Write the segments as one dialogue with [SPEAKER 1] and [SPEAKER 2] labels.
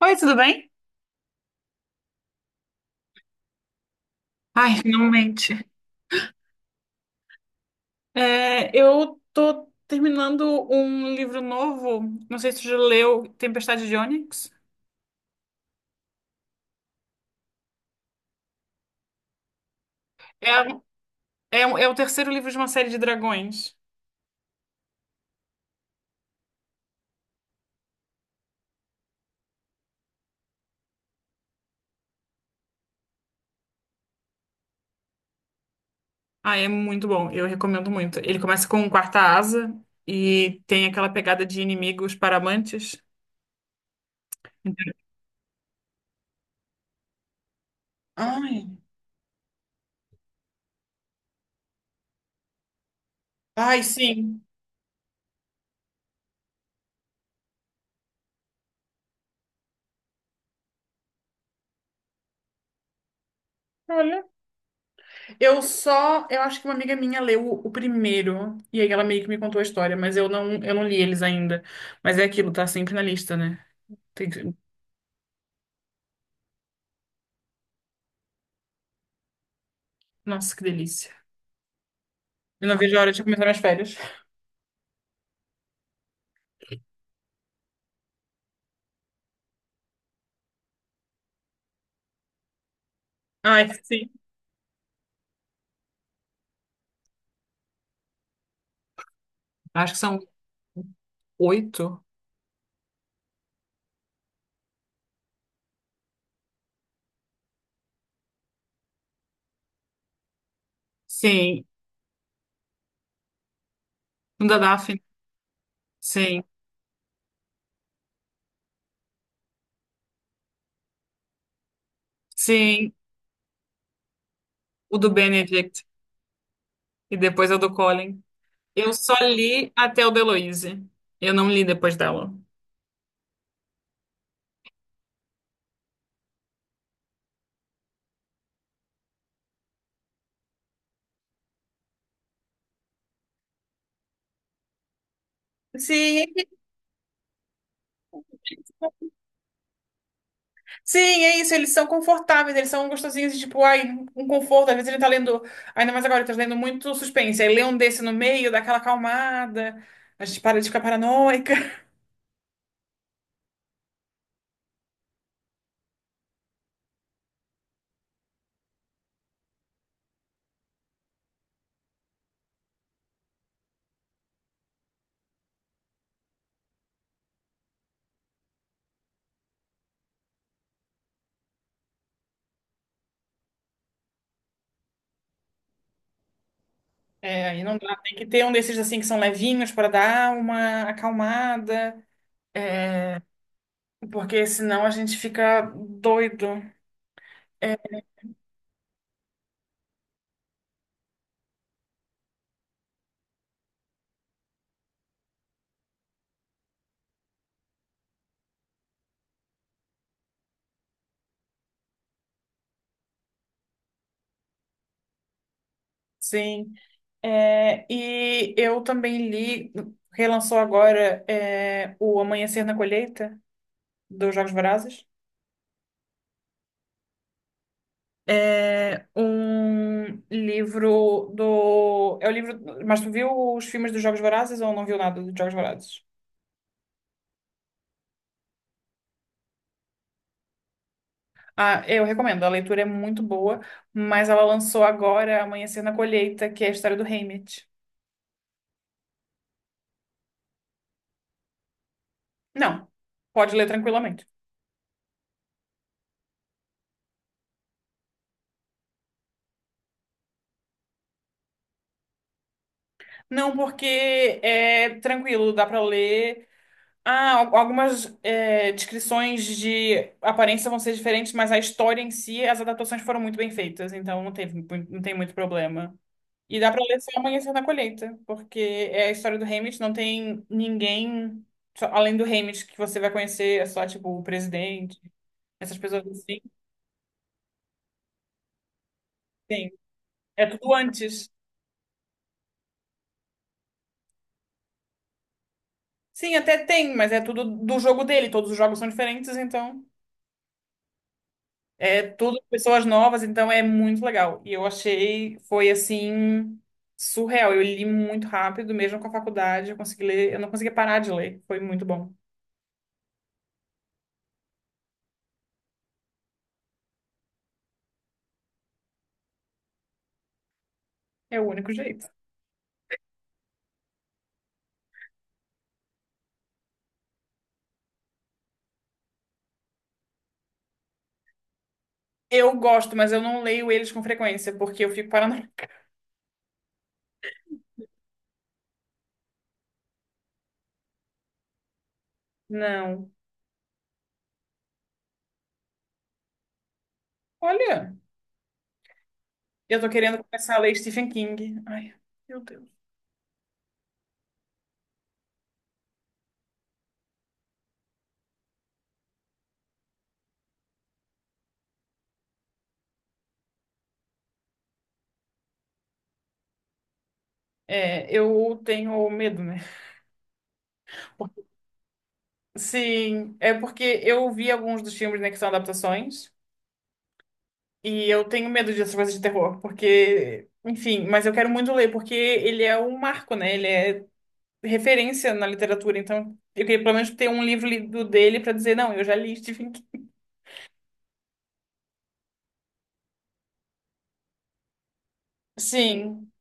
[SPEAKER 1] Oi, tudo bem? Ai, finalmente. Eu tô terminando um livro novo, não sei se tu já leu Tempestade de Ônix. É, é o terceiro livro de uma série de dragões. Ah, é muito bom, eu recomendo muito. Ele começa com quarta asa e tem aquela pegada de inimigos para amantes. Ai, ai, sim. Olha, eu acho que uma amiga minha leu o primeiro e aí ela meio que me contou a história, mas eu não li eles ainda. Mas é aquilo, tá sempre na lista, né? Tem que- Nossa, que delícia. Eu não vejo a hora de começar minhas férias. Ai, sim. Acho que são oito. Sim. Um da Daphne. Sim. Sim. O do Benedict. E depois é o do Colin. Eu só li até o da Heloise. Eu não li depois dela. Sim, sim, é isso. Eles são confortáveis, eles são gostosinhos, tipo, ai, um conforto. Às vezes a gente tá lendo, ainda mais agora, ele tá lendo muito suspense. Aí lê um desse no meio, dá aquela acalmada, a gente para de ficar paranoica. É, aí não dá. Tem que ter um desses assim que são levinhos para dar uma acalmada, porque senão a gente fica doido. Sim. E eu também li, relançou agora, o Amanhecer na Colheita, dos Jogos Vorazes. É um livro do. É o livro. Mas tu viu os filmes dos Jogos Vorazes ou não viu nada dos Jogos Vorazes? Ah, eu recomendo, a leitura é muito boa, mas ela lançou agora Amanhecer na Colheita, que é a história do Haymitch. Não, pode ler tranquilamente. Não, porque é tranquilo, dá pra ler. Ah, al- algumas descrições de aparência vão ser diferentes, mas a história em si, as adaptações foram muito bem feitas, então não teve, mu- não tem muito problema. E dá pra ler só Amanhecer na Colheita, porque é a história do Haymitch, não tem ninguém só- além do Haymitch que você vai conhecer, é só tipo o presidente. Essas pessoas assim, sim. É tudo antes. Sim, até tem, mas é tudo do jogo dele. Todos os jogos são diferentes, então. É tudo pessoas novas, então é muito legal. E eu achei, foi assim, surreal. Eu li muito rápido, mesmo com a faculdade, eu consegui ler, eu não conseguia parar de ler. Foi muito bom. É o único jeito. Eu gosto, mas eu não leio eles com frequência, porque eu fico paranoica. Não. Olha, eu tô querendo começar a ler Stephen King. Ai, meu Deus. É, eu tenho medo, né? Sim, é porque eu vi alguns dos filmes, né, que são adaptações, e eu tenho medo dessas coisas de terror, porque, enfim, mas eu quero muito ler, porque ele é um marco, né? Ele é referência na literatura, então eu queria pelo menos ter um livro lido dele pra dizer, não, eu já li Stephen King. Sim,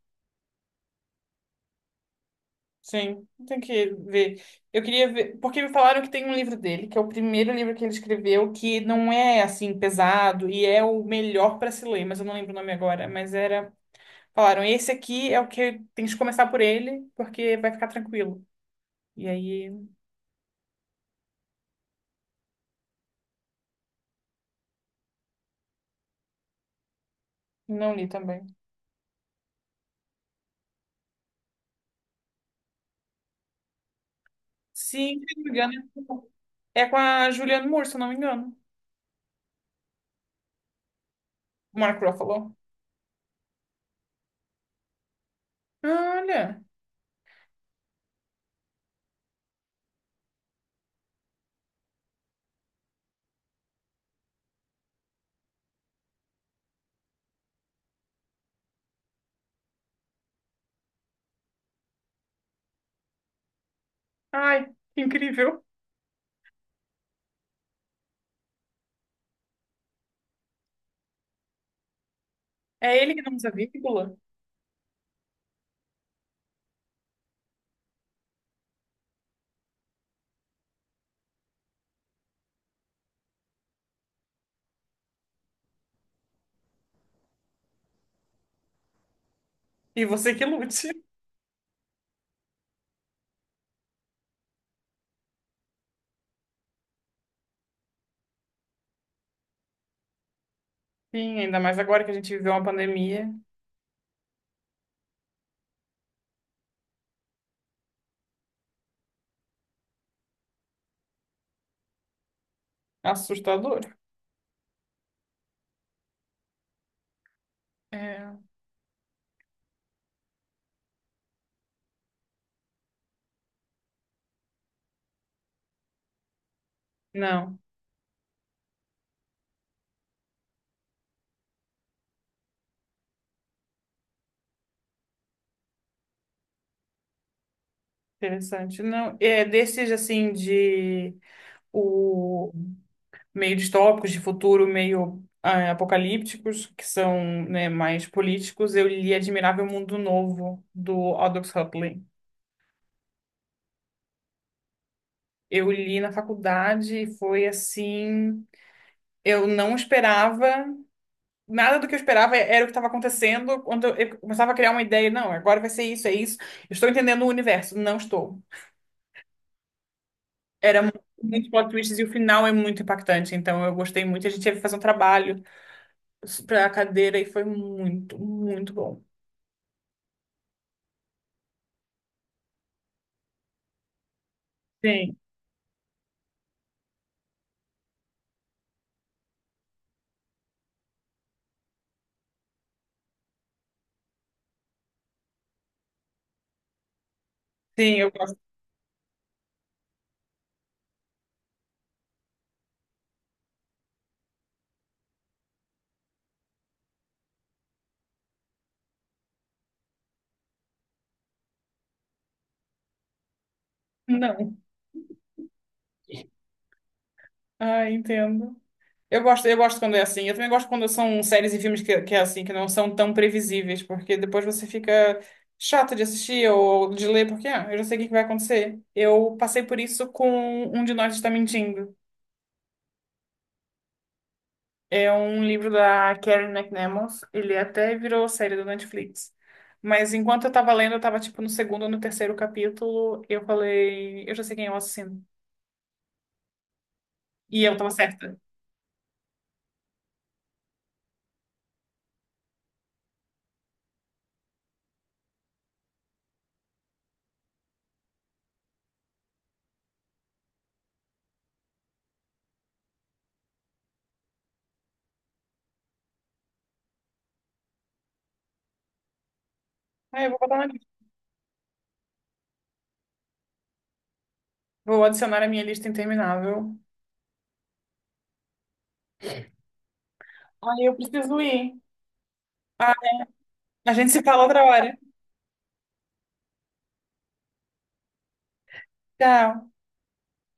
[SPEAKER 1] sim, tem que ver. Eu queria ver, porque me falaram que tem um livro dele, que é o primeiro livro que ele escreveu, que não é assim pesado e é o melhor pra se ler, mas eu não lembro o nome agora, mas era Falaram, esse aqui é o que tem que começar por ele, porque vai ficar tranquilo. E aí, não li também. Sim, se não me engano, é com a Julianne Moore, se eu não me engano. O Mark Ruffalo. Olha, ai, que incrível. É ele que não usa vírgula. E você que lute. Sim, ainda mais agora que a gente viveu uma pandemia. Assustador. É. Não, interessante. Não, é desses, assim, de... O meio distópicos, de futuro meio ah, apocalípticos, que são, né, mais políticos, eu li Admirável Mundo Novo, do Aldous Huxley. Eu li na faculdade e foi assim. Eu não esperava, nada do que eu esperava era o que estava acontecendo. Quando eu começava a criar uma ideia, não, agora vai ser isso, é isso. Eu estou entendendo o universo. Não estou. Era mu- muito plot twists e o final é muito impactante. Então eu gostei muito. A gente teve que fazer um trabalho para a cadeira e foi muito, muito bom. Sim. Sim, eu gosto. Não. Ah, entendo. Eu gosto quando é assim. Eu também gosto quando são séries e filmes que é assim, que não são tão previsíveis, porque depois você fica chato de assistir ou de ler, porque ah, eu já sei o que que vai acontecer. Eu passei por isso com Um de Nós Está Mentindo. É um livro da Karen McNamara. Ele até virou série do Netflix. Mas enquanto eu tava lendo, eu tava tipo no segundo ou no terceiro capítulo, eu falei, eu já sei quem é o assassino. E eu tava certa. Ah, eu vou botar na Vou adicionar a minha lista interminável. Aí eu preciso ir. Ah, A gente se fala outra hora. Tchau.